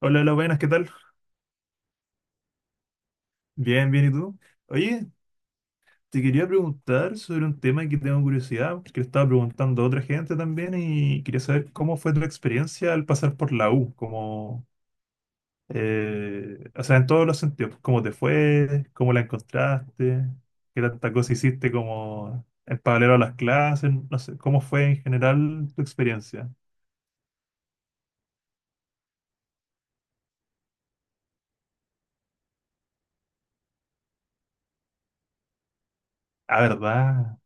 Hola, hola, buenas, ¿qué tal? Bien, bien, ¿y tú? Oye, te quería preguntar sobre un tema que tengo curiosidad, porque le estaba preguntando a otra gente también y quería saber cómo fue tu experiencia al pasar por la U, como, o sea, en todos los sentidos, cómo te fue, cómo la encontraste, qué tanta cosa hiciste como en paralelo a las clases, no sé, cómo fue en general tu experiencia. Ah, ¿verdad?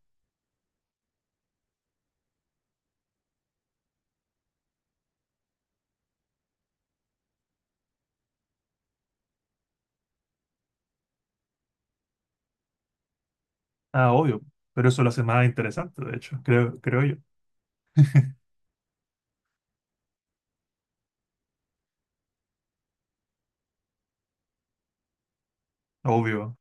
Ah, obvio, pero eso lo hace más interesante, de hecho, creo yo. Obvio,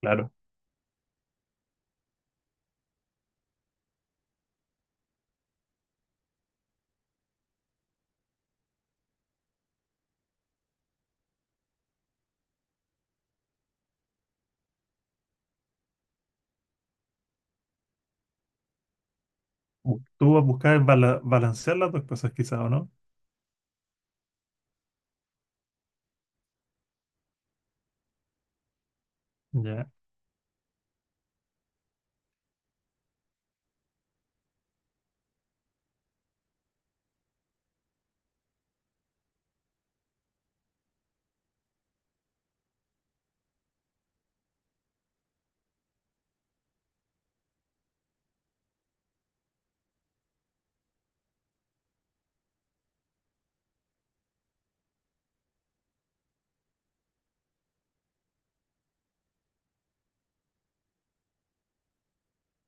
claro. Tú vas a buscar balancear las dos cosas quizás, ¿o no? Ya,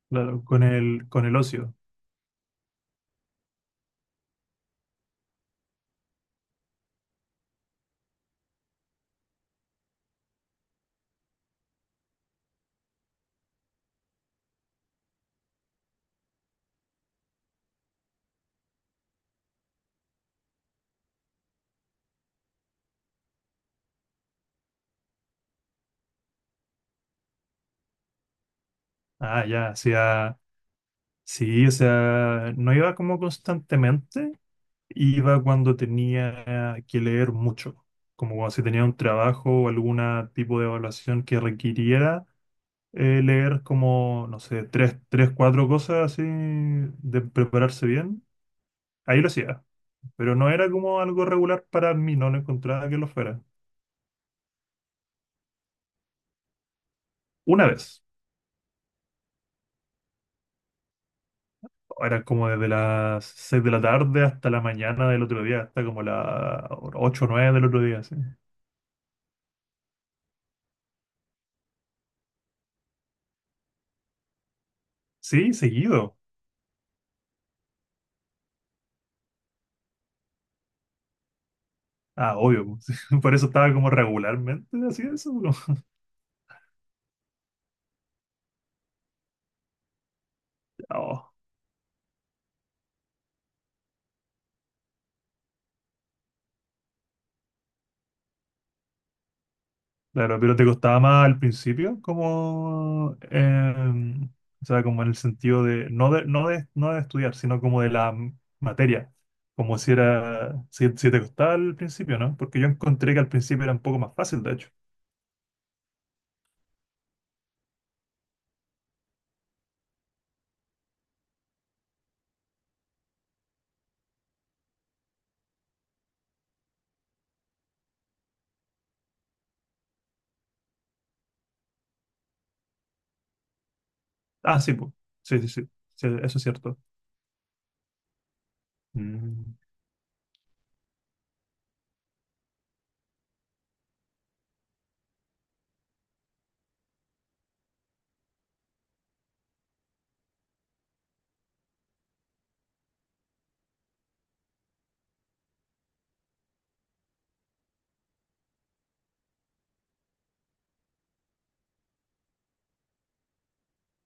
claro, con el ocio. Ah, ya, o sea, sí, o sea, no iba como constantemente, iba cuando tenía que leer mucho, como cuando si tenía un trabajo o algún tipo de evaluación que requiriera leer como, no sé, tres, tres, cuatro cosas así, de prepararse bien, ahí lo hacía, pero no era como algo regular para mí, no lo encontraba que lo fuera. Una vez. Eran como desde las 6 de la tarde hasta la mañana del otro día, hasta como las ocho o 9 del otro día, sí. Sí, seguido. Ah, obvio, pues. Por eso estaba como regularmente así eso. Oh. Claro, pero te costaba más al principio, como, o sea, como en el sentido de, no de estudiar, sino como de la materia. Como si era, si te costaba al principio, ¿no? Porque yo encontré que al principio era un poco más fácil, de hecho. Ah, sí, pues. Sí, sí, sí. Sí, eso es cierto. Mm,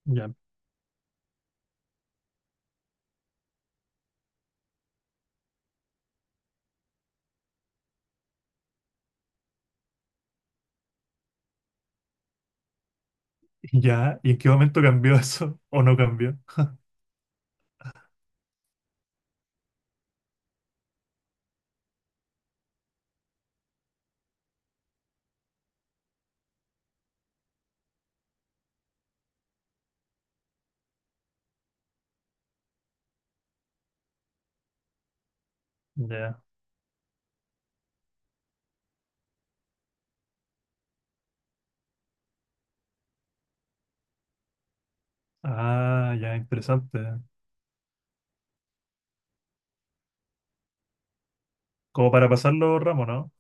ya. ¿Ya? ¿Y en qué momento cambió eso? ¿O no cambió? Ya. Ah, ya, interesante. Como para pasarlo, ramo, ¿no?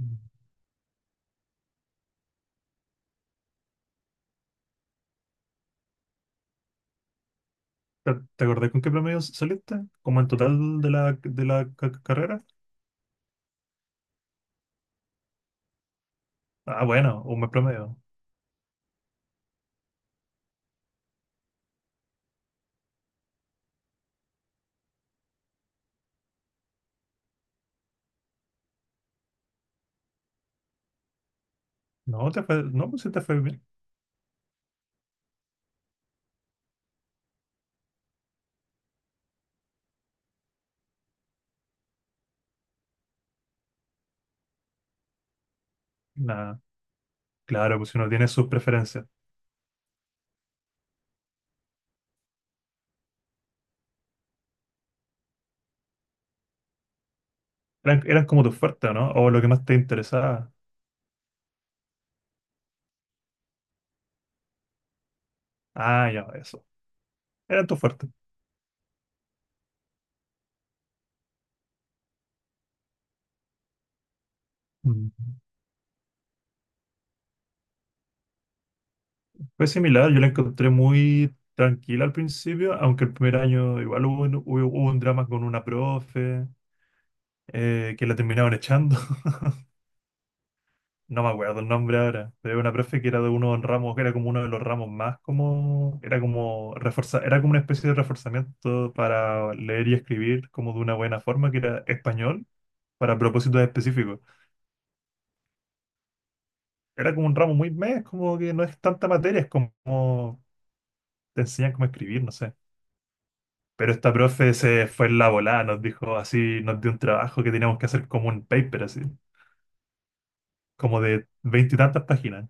Mm. ¿Te acordás con qué promedio saliste? ¿Como en total de la carrera? Ah, bueno, un buen promedio. No, te fue, no, pues sí te fue bien. Nada. Claro, pues si uno tiene sus preferencias. Eran como tus fuertes, ¿no? O lo que más te interesaba. Ah, ya, eso. Eran tus fuertes. Mm. Fue similar, yo la encontré muy tranquila al principio, aunque el primer año igual hubo un drama con una profe que la terminaron echando. No me acuerdo el nombre ahora, pero era una profe que era de uno de los ramos, que era como uno de los ramos más como, era como reforza, era como una especie de reforzamiento para leer y escribir como de una buena forma, que era español para propósitos específicos. Era como un ramo muy mes, como que no es tanta materia, es como te enseñan cómo escribir, no sé. Pero esta profe se fue en la volada, nos dijo así, nos dio un trabajo que teníamos que hacer como un paper así, como de veinte y tantas páginas.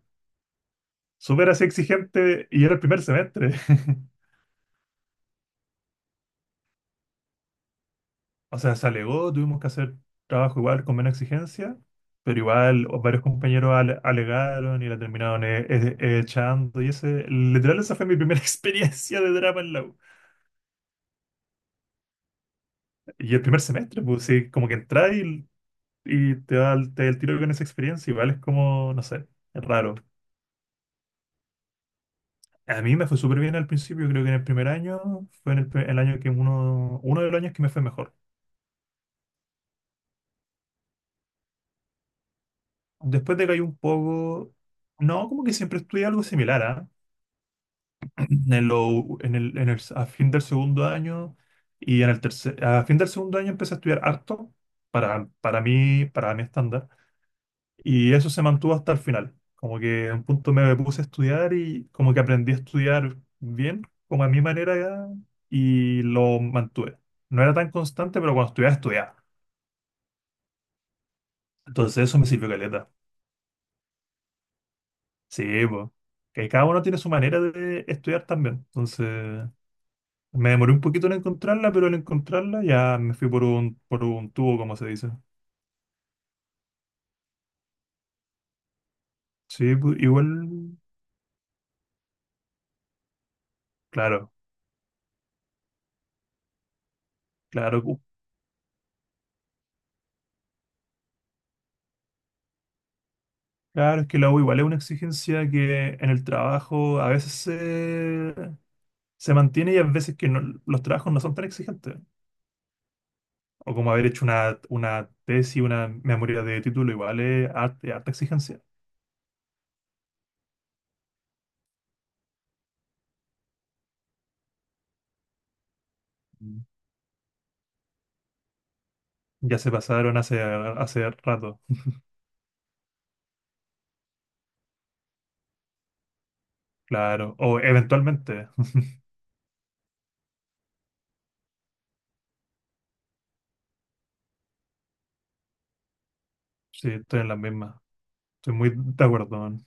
Súper así exigente y era el primer semestre. O sea, se alegó, tuvimos que hacer trabajo igual con menos exigencia, pero igual varios compañeros alegaron y la terminaron echando. Y ese, literal, esa fue mi primera experiencia de drama en la U. Y el primer semestre, pues sí, como que entras y te da el tiro con esa experiencia, igual es como, no sé, es raro. A mí me fue súper bien al principio, creo que en el primer año fue en el año que uno de los años que me fue mejor. Después de que hay un poco, no, como que siempre estudié algo similar, ¿ah? En lo- en el- A fin del segundo año a fin del segundo año empecé a estudiar harto para mí, para mi estándar. Y eso se mantuvo hasta el final. Como que en un punto me puse a estudiar y como que aprendí a estudiar bien, como a mi manera, y lo mantuve. No era tan constante, pero cuando estudiaba, estudiaba. Entonces eso me sirvió caleta. Sí, pues. Que cada uno tiene su manera de estudiar también. Entonces me demoré un poquito en encontrarla, pero al encontrarla ya me fui por un tubo, como se dice. Sí, pues, igual, claro, claro. Claro, es que la U igual es una exigencia que en el trabajo a veces se mantiene y a veces que los trabajos no son tan exigentes. O como haber hecho una tesis, una memoria de título, igual es harta exigencia. Mm. Ya se pasaron hace rato, claro. O eventualmente, sí, estoy en las mismas. Estoy muy de acuerdo, man.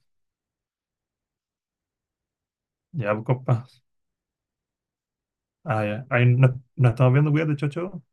Ya, pues, compa. Ah, ya. Ahí nos estamos viendo, cuídate, chao, chao.